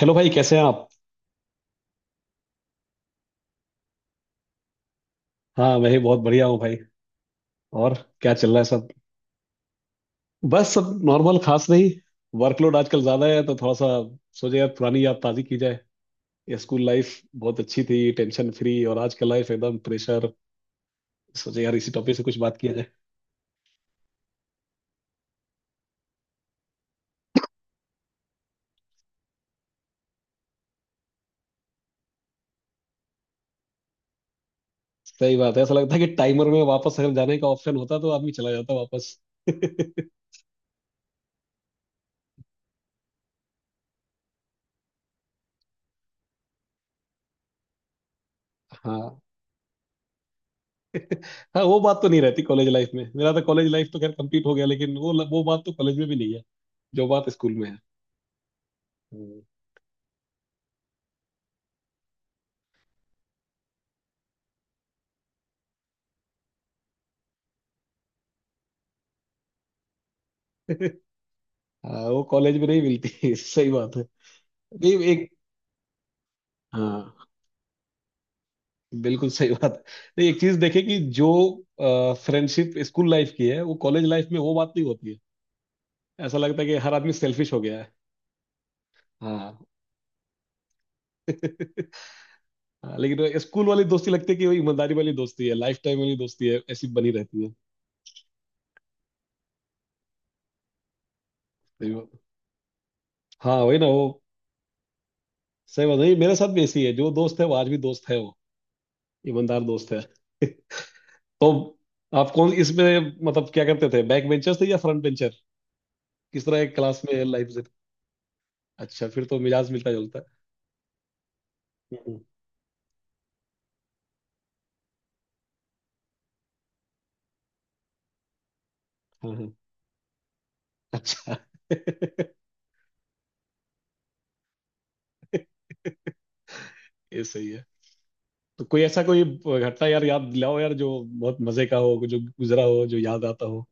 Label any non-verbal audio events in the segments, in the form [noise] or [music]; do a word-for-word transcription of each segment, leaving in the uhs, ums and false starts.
Hello भाई, कैसे हैं आप। हाँ मैं ही बहुत बढ़िया हूँ भाई। और क्या चल रहा है सब। बस सब नॉर्मल, खास नहीं। वर्कलोड आजकल ज्यादा है तो थोड़ा सा सोचे यार, पुरानी याद ताजी की जाए। ये स्कूल लाइफ बहुत अच्छी थी, टेंशन फ्री, और आज का लाइफ एकदम प्रेशर। सोचे यार इसी टॉपिक से कुछ बात किया जाए। सही बात है, ऐसा लगता है कि टाइमर में वापस अगर जाने का ऑप्शन होता तो आदमी चला जाता वापस। [laughs] हाँ। हाँ, वो बात तो नहीं रहती कॉलेज लाइफ में। मेरा तो कॉलेज लाइफ तो खैर कंप्लीट हो गया, लेकिन वो वो बात तो कॉलेज में भी नहीं है जो बात स्कूल में है। हम्म। [laughs] हाँ, वो कॉलेज में नहीं मिलती। [laughs] सही बात है। नहीं एक। हाँ, बिल्कुल सही बात है। नहीं एक चीज देखे कि जो फ्रेंडशिप स्कूल लाइफ की है वो कॉलेज लाइफ में वो बात नहीं होती है। ऐसा लगता है कि हर आदमी सेल्फिश हो गया है। हाँ। [laughs] हाँ, लेकिन स्कूल वाली दोस्ती लगती है कि वही ईमानदारी वाली दोस्ती है, लाइफ टाइम वाली दोस्ती है, ऐसी बनी रहती है। सही बात। हाँ वही ना वो। सही बात है, ये मेरे साथ भी ऐसी है, जो दोस्त है वो आज भी दोस्त है, वो ईमानदार दोस्त है। तो आप कौन इसमें, मतलब क्या करते थे, बैक बेंचर थे या फ्रंट बेंचर, किस तरह एक क्लास में लाइफ। अच्छा, फिर तो मिजाज मिलता जुलता है। हम्म। हाँ हाँ। अच्छा। [laughs] ये सही है। तो कोई ऐसा कोई घटना यार याद दिलाओ यार, जो बहुत मजे का हो, जो गुजरा हो, जो याद आता हो।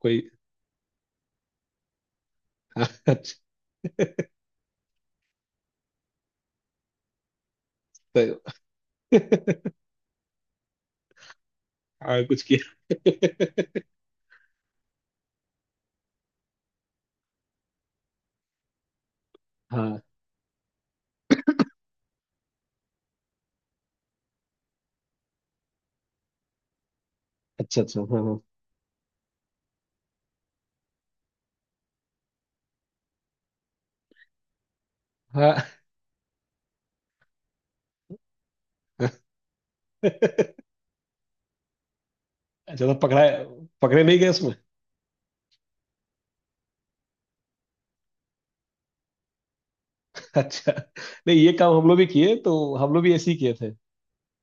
कोई। [laughs] हाँ, अच्छा। तो- [laughs] हाँ कुछ किया। [laughs] हाँ अच्छा अच्छा, हाँ हाँ। हाँ अच्छा, तो पकड़ा। पकड़े नहीं गए उसमें। [laughs] अच्छा। नहीं, ये काम हम लोग भी किए, तो हम लोग भी ऐसे ही किए थे।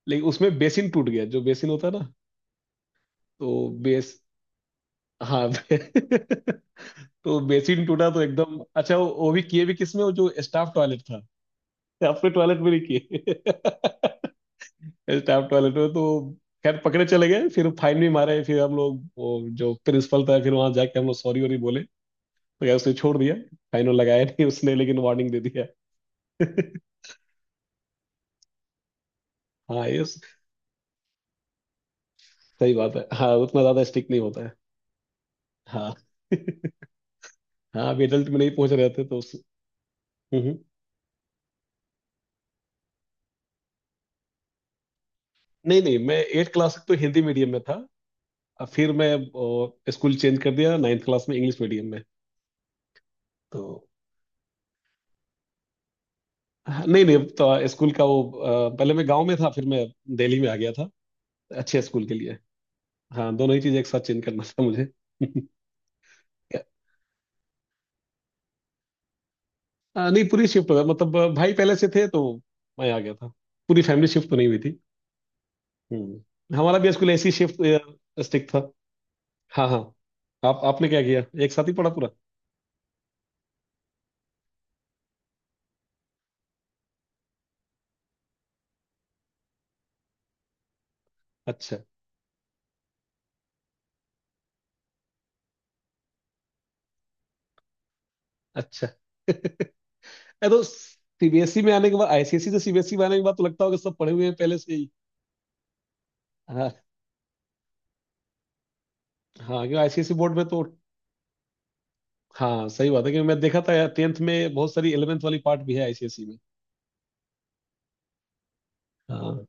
लेकिन उसमें बेसिन टूट गया, जो बेसिन होता है ना। तो बेस हाँ। [laughs] तो बेसिन टूटा तो एकदम अच्छा वो, वो भी किए, भी किसमें, वो जो स्टाफ टॉयलेट था। अपने टॉयलेट में नहीं किए। [laughs] स्टाफ टॉयलेट में, तो खैर पकड़े चले गए, फिर फाइन भी मारे, फिर हम लोग वो जो प्रिंसिपल था फिर वहां जाके हम लोग सॉरी वॉरी बोले तो यार उसने छोड़ दिया। फाइन लगाया नहीं उसने, लेकिन वार्निंग दे दिया। [laughs] हाँ ये सही बात है, हाँ उतना ज्यादा स्ट्रिक्ट नहीं होता है। हाँ। [laughs] हाँ अभी adult में नहीं पहुंच रहे थे तो उस। हम्म, हम्म। नहीं नहीं, मैं एट क्लास तक तो हिंदी मीडियम में था। अब फिर मैं वो, स्कूल चेंज कर दिया नाइन्थ क्लास में इंग्लिश मीडियम में। तो हाँ, नहीं नहीं तो स्कूल का वो अ, पहले मैं गांव में था, फिर मैं दिल्ली में आ गया था अच्छे स्कूल के लिए। हाँ, दोनों ही चीज़ एक साथ चेंज करना था मुझे। [laughs] अ, नहीं, पूरी शिफ्ट हो गया, मतलब अ, भाई पहले से थे तो मैं आ गया था, पूरी फैमिली शिफ्ट तो नहीं हुई थी। हम्म, हमारा भी स्कूल ऐसी शिफ्ट स्टिक था। हाँ हाँ। आप आपने क्या किया, एक साथ ही पढ़ा पूरा। अच्छा अच्छा। [laughs] अरे तो सीबीएसई में आने के बाद, आईसीएसई से सीबीएसई में आने के बाद तो लगता होगा सब पढ़े हुए हैं पहले से ही। हाँ हाँ क्यों, आईसीएसई बोर्ड में तो हाँ सही बात है, क्योंकि मैं देखा था यार टेंथ में बहुत सारी ग्यारहवीं वाली पार्ट भी है आईसीएसई में। हाँ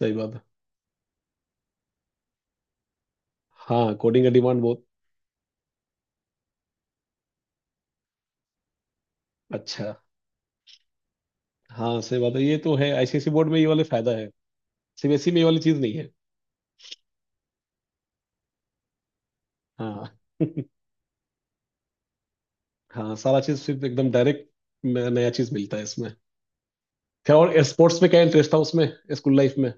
सही बात है। हाँ, कोडिंग का डिमांड बहुत। अच्छा, हाँ सही बात है ये तो है, आईसीएसई बोर्ड में ये वाले फायदा है, सीबीएसई में ये वाली चीज नहीं है। हाँ। [laughs] हाँ, सारा चीज सिर्फ एकदम डायरेक्ट, नया चीज मिलता है इसमें। क्या और स्पोर्ट्स में क्या इंटरेस्ट था उसमें, स्कूल लाइफ में।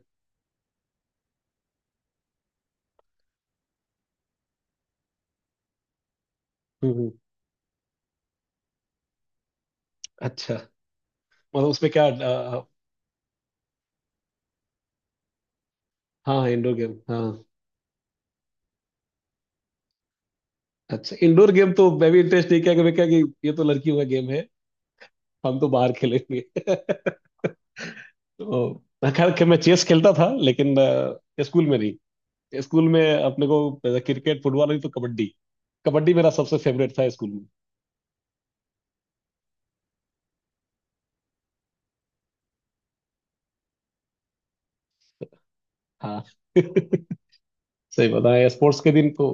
हम्म हम्म, अच्छा। मतलब उसमें क्या। हाँ हाँ, इंडोर गेम हाँ। अच्छा, इंडोर गेम तो मैं भी इंटरेस्ट नहीं किया, कि मैं क्या कि ये तो लड़कियों का गेम है, हम तो बाहर खेलेंगे। [laughs] तो खैर कि मैं चेस खेलता था, लेकिन अ, स्कूल में नहीं। स्कूल में अपने को क्रिकेट फुटबॉल, नहीं तो कबड्डी। कबड्डी मेरा सबसे फेवरेट था स्कूल में। हाँ। [laughs] सही बताया स्पोर्ट्स के दिन को।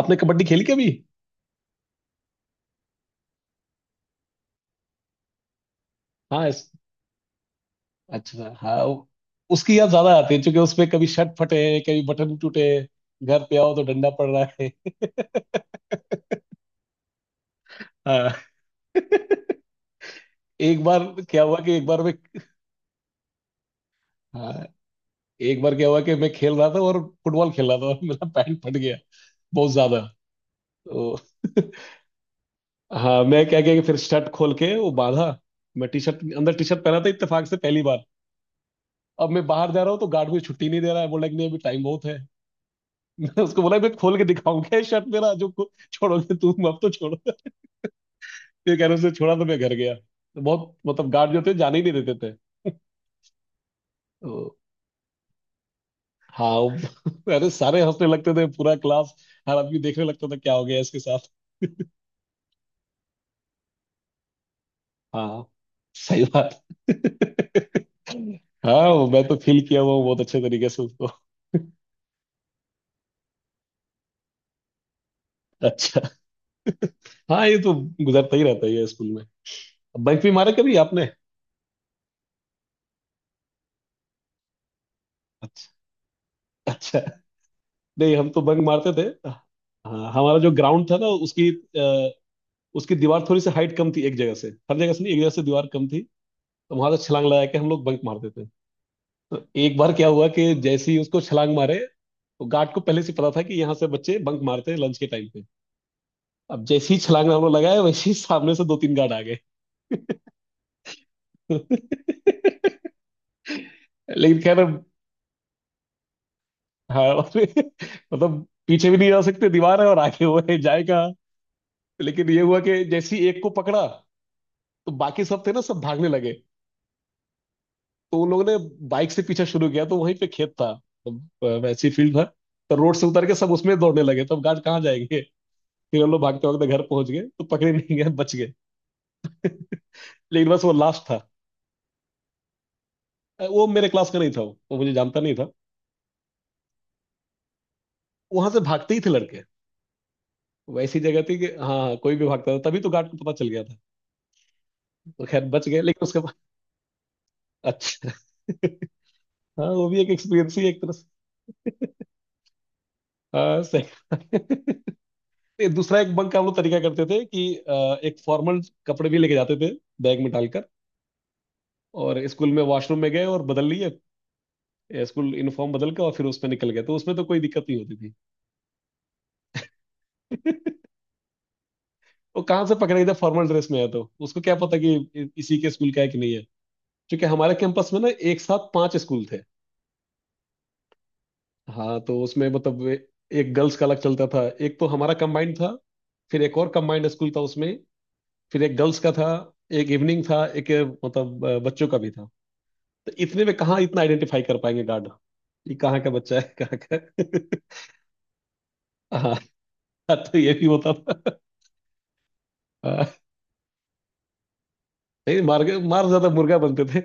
आपने कबड्डी खेली कभी। हाँ इस, अच्छा हाँ उ- उसकी याद ज्यादा आती है, क्योंकि उसमें कभी शर्ट फटे कभी बटन टूटे, घर पे आओ तो डंडा पड़ रहा है। [laughs] हाँ। [laughs] एक बार क्या हुआ कि एक बार मैं। हाँ। एक बार क्या हुआ कि मैं खेल रहा था, और फुटबॉल खेल रहा था, और मेरा पैंट फट गया बहुत ज्यादा। तो [laughs] हाँ मैं क्या किया कि फिर शर्ट खोल के वो बांधा, मैं टी शर्ट अंदर टी शर्ट पहना था इत्तेफाक से पहली बार। अब मैं बाहर जा रहा हूँ तो गार्ड मुझे छुट्टी नहीं दे रहा है, बोला कि नहीं अभी टाइम बहुत है। [laughs] मैं उसको बोला मैं खोल के दिखाऊंगा शर्ट मेरा जो को- [laughs] छोड़ोगे तुम अब, तो छोड़ो। [laughs] ये कह रहे, उसने छोड़ा तो मैं घर गया। तो बहुत मतलब गार्ड जो थे जाने ही नहीं देते थे। [laughs] तो हाँ। [laughs] वो- अरे सारे हंसने लगते थे पूरा क्लास, हर आदमी देखने लगता था क्या हो गया इसके साथ। हाँ सही बात। [laughs] हाँ वो मैं तो फील किया हुआ हूँ बहुत अच्छे तरीके से उसको। अच्छा हाँ, ये तो गुजरता ही रहता है ये स्कूल में। बंक भी मारा कभी आपने। अच्छा अच्छा, नहीं हम तो बंक मारते थे। हाँ, हमारा जो ग्राउंड था ना उसकी अ, उसकी दीवार थोड़ी सी हाइट कम थी एक जगह से, हर जगह से नहीं, एक जगह से दीवार कम थी। तो वहां से छलांग लगा के हम लोग बंक मारते थे। तो एक बार क्या हुआ कि जैसे ही उसको छलांग मारे, तो गार्ड को पहले से पता था कि यहाँ से बच्चे बंक मारते हैं लंच के टाइम पे। अब जैसे ही छलांग हम लोग लगाए वैसे ही सामने से दो तीन गार्ड आ गए। [laughs] लेकिन खैर अब- हाँ। [laughs] मतलब पीछे भी नहीं जा सकते दीवार है, और आगे वो है जाएगा। लेकिन ये हुआ कि जैसे ही एक को पकड़ा, तो बाकी सब थे ना सब भागने लगे। तो उन लोगों ने बाइक से पीछा शुरू किया, तो वहीं पे खेत था, तो वैसी फील्ड था, तो रोड से उतर के सब उसमें दौड़ने लगे, तब तो गार्ड कहाँ जाएंगे। फिर हम लोग भागते भागते घर पहुंच गए, तो पकड़े नहीं गए, बच गए। लेकिन बस वो लास्ट था। अ, वो मेरे क्लास का नहीं था, वो वो मुझे जानता नहीं था। वहां से भागते ही थे लड़के, वो ऐसी जगह थी कि हाँ हाँ, कोई भी भागता था, तभी तो गार्ड को पता चल गया था। तो खैर बच गए, लेकिन उसके बाद। अच्छा। [laughs] हाँ वो भी एक एक्सपीरियंस ही है एक तरह से। हाँ सही। [laughs] दूसरा एक बंक का हम लोग तरीका करते थे कि अ, एक फॉर्मल कपड़े भी लेके जाते थे बैग में डालकर, और स्कूल में वॉशरूम में गए और बदल लिए, स्कूल यूनिफॉर्म बदल के और फिर उसमें निकल गए, तो उसमें तो कोई दिक्कत नहीं होती थी। [laughs] वो कहाँ से पकड़े गए थे, फॉर्मल ड्रेस में है तो उसको क्या पता कि इसी के स्कूल का है कि नहीं है। क्योंकि हमारे कैंपस में ना एक साथ पांच स्कूल थे। हाँ तो उसमें मतलब ए- एक गर्ल्स का अलग चलता था, एक तो हमारा कंबाइंड था, फिर एक और कंबाइंड स्कूल था उसमें, फिर एक गर्ल्स का था, एक इवनिंग था, एक अ, मतलब अ, बच्चों का भी था। तो इतने में कहाँ इतना आइडेंटिफाई कर पाएंगे गार्ड, ये कहाँ का बच्चा है कहाँ का। [laughs] हाँ तो ये भी होता था। हाँ, नहीं मार के, मार ज्यादा मुर्गा बनते थे।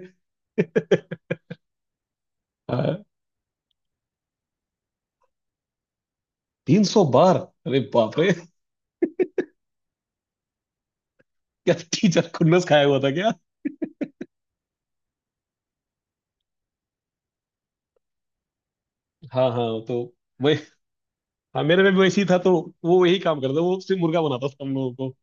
हाँ, तीन सौ बार, अरे बाप रे, क्या टीचर खुन्नस खाया हुआ था क्या। हाँ हाँ, तो वही। हाँ मेरे में भी वैसे ही था, तो वो यही काम करता, वो सिर्फ मुर्गा बनाता था हम लोगों को।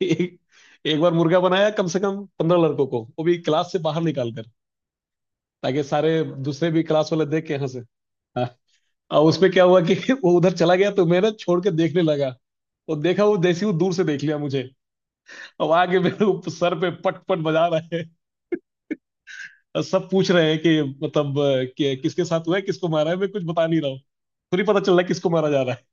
[laughs] एक, एक बार मुर्गा बनाया कम से कम पंद्रह लड़कों को, वो भी क्लास से बाहर निकाल कर ताकि सारे दूसरे भी क्लास वाले देख के यहाँ से। हाँ और उसमें क्या हुआ कि [laughs] वो उधर चला गया तो मैं ना छोड़ के देखने लगा, और देखा, वो जैसे ही वो दूर से देख लिया मुझे, अब आगे मेरे ऊपर सर पे पट पट बजा रहा है। और सब पूछ रहे हैं कि मतलब अ, कि, किसके साथ हुआ है, किसको मारा है, मैं कुछ बता नहीं रहा हूँ, खुद ही पता चल रहा है किसको मारा जा रहा है।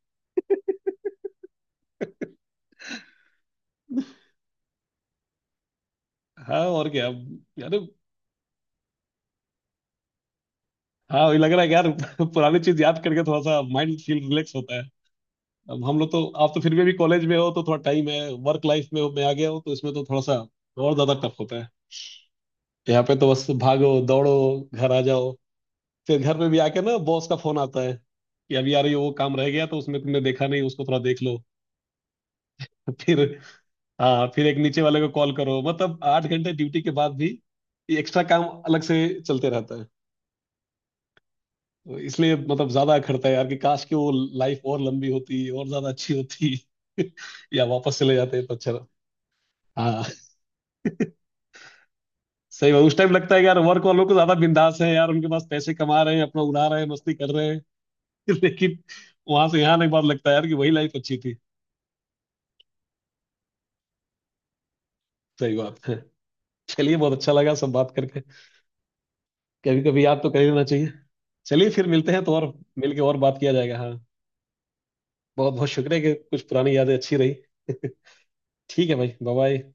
हाँ और क्या यार। हाँ वही लग रहा है कि यार [laughs] पुरानी चीज याद करके थोड़ा सा माइंड फील रिलैक्स होता है। अब हम लोग तो, आप तो फिर भी अभी कॉलेज में हो तो थोड़ा टाइम है, वर्क लाइफ में हो, मैं आ गया हूँ तो इसमें तो थोड़ा सा और ज्यादा टफ होता है। यहाँ पे तो बस भागो दौड़ो, घर आ जाओ, फिर घर पे भी आके ना बॉस का फोन आता है कि अभी यार ये वो काम रह गया तो उसमें तुमने देखा नहीं उसको थोड़ा देख लो। [laughs] फिर हाँ, फिर एक नीचे वाले को कॉल करो, मतलब आठ घंटे ड्यूटी के बाद भी एक्स्ट्रा काम अलग से चलते रहता है। तो इसलिए मतलब ज्यादा अखरता है यार कि काश कि वो लाइफ और लंबी होती और ज्यादा अच्छी होती। [laughs] या वापस चले जाते तो अच्छा। हाँ सही बात, उस टाइम लगता है कि यार वर्क वालों को ज्यादा बिंदास है यार, उनके पास पैसे कमा रहे हैं, अपना उड़ा रहे हैं, मस्ती कर रहे हैं। [laughs] लेकिन वहां से यहाँ एक बार लगता है यार कि वही लाइफ अच्छी थी। सही बात है। चलिए, बहुत अच्छा लगा सब बात करके, कभी कभी याद तो कर ही लेना चाहिए। चलिए फिर मिलते हैं, तो और मिलके और बात किया जाएगा हाँ। बहुत बहुत शुक्रिया कि कुछ पुरानी यादें अच्छी रही। [laughs] ठीक है भाई, बाय बाय।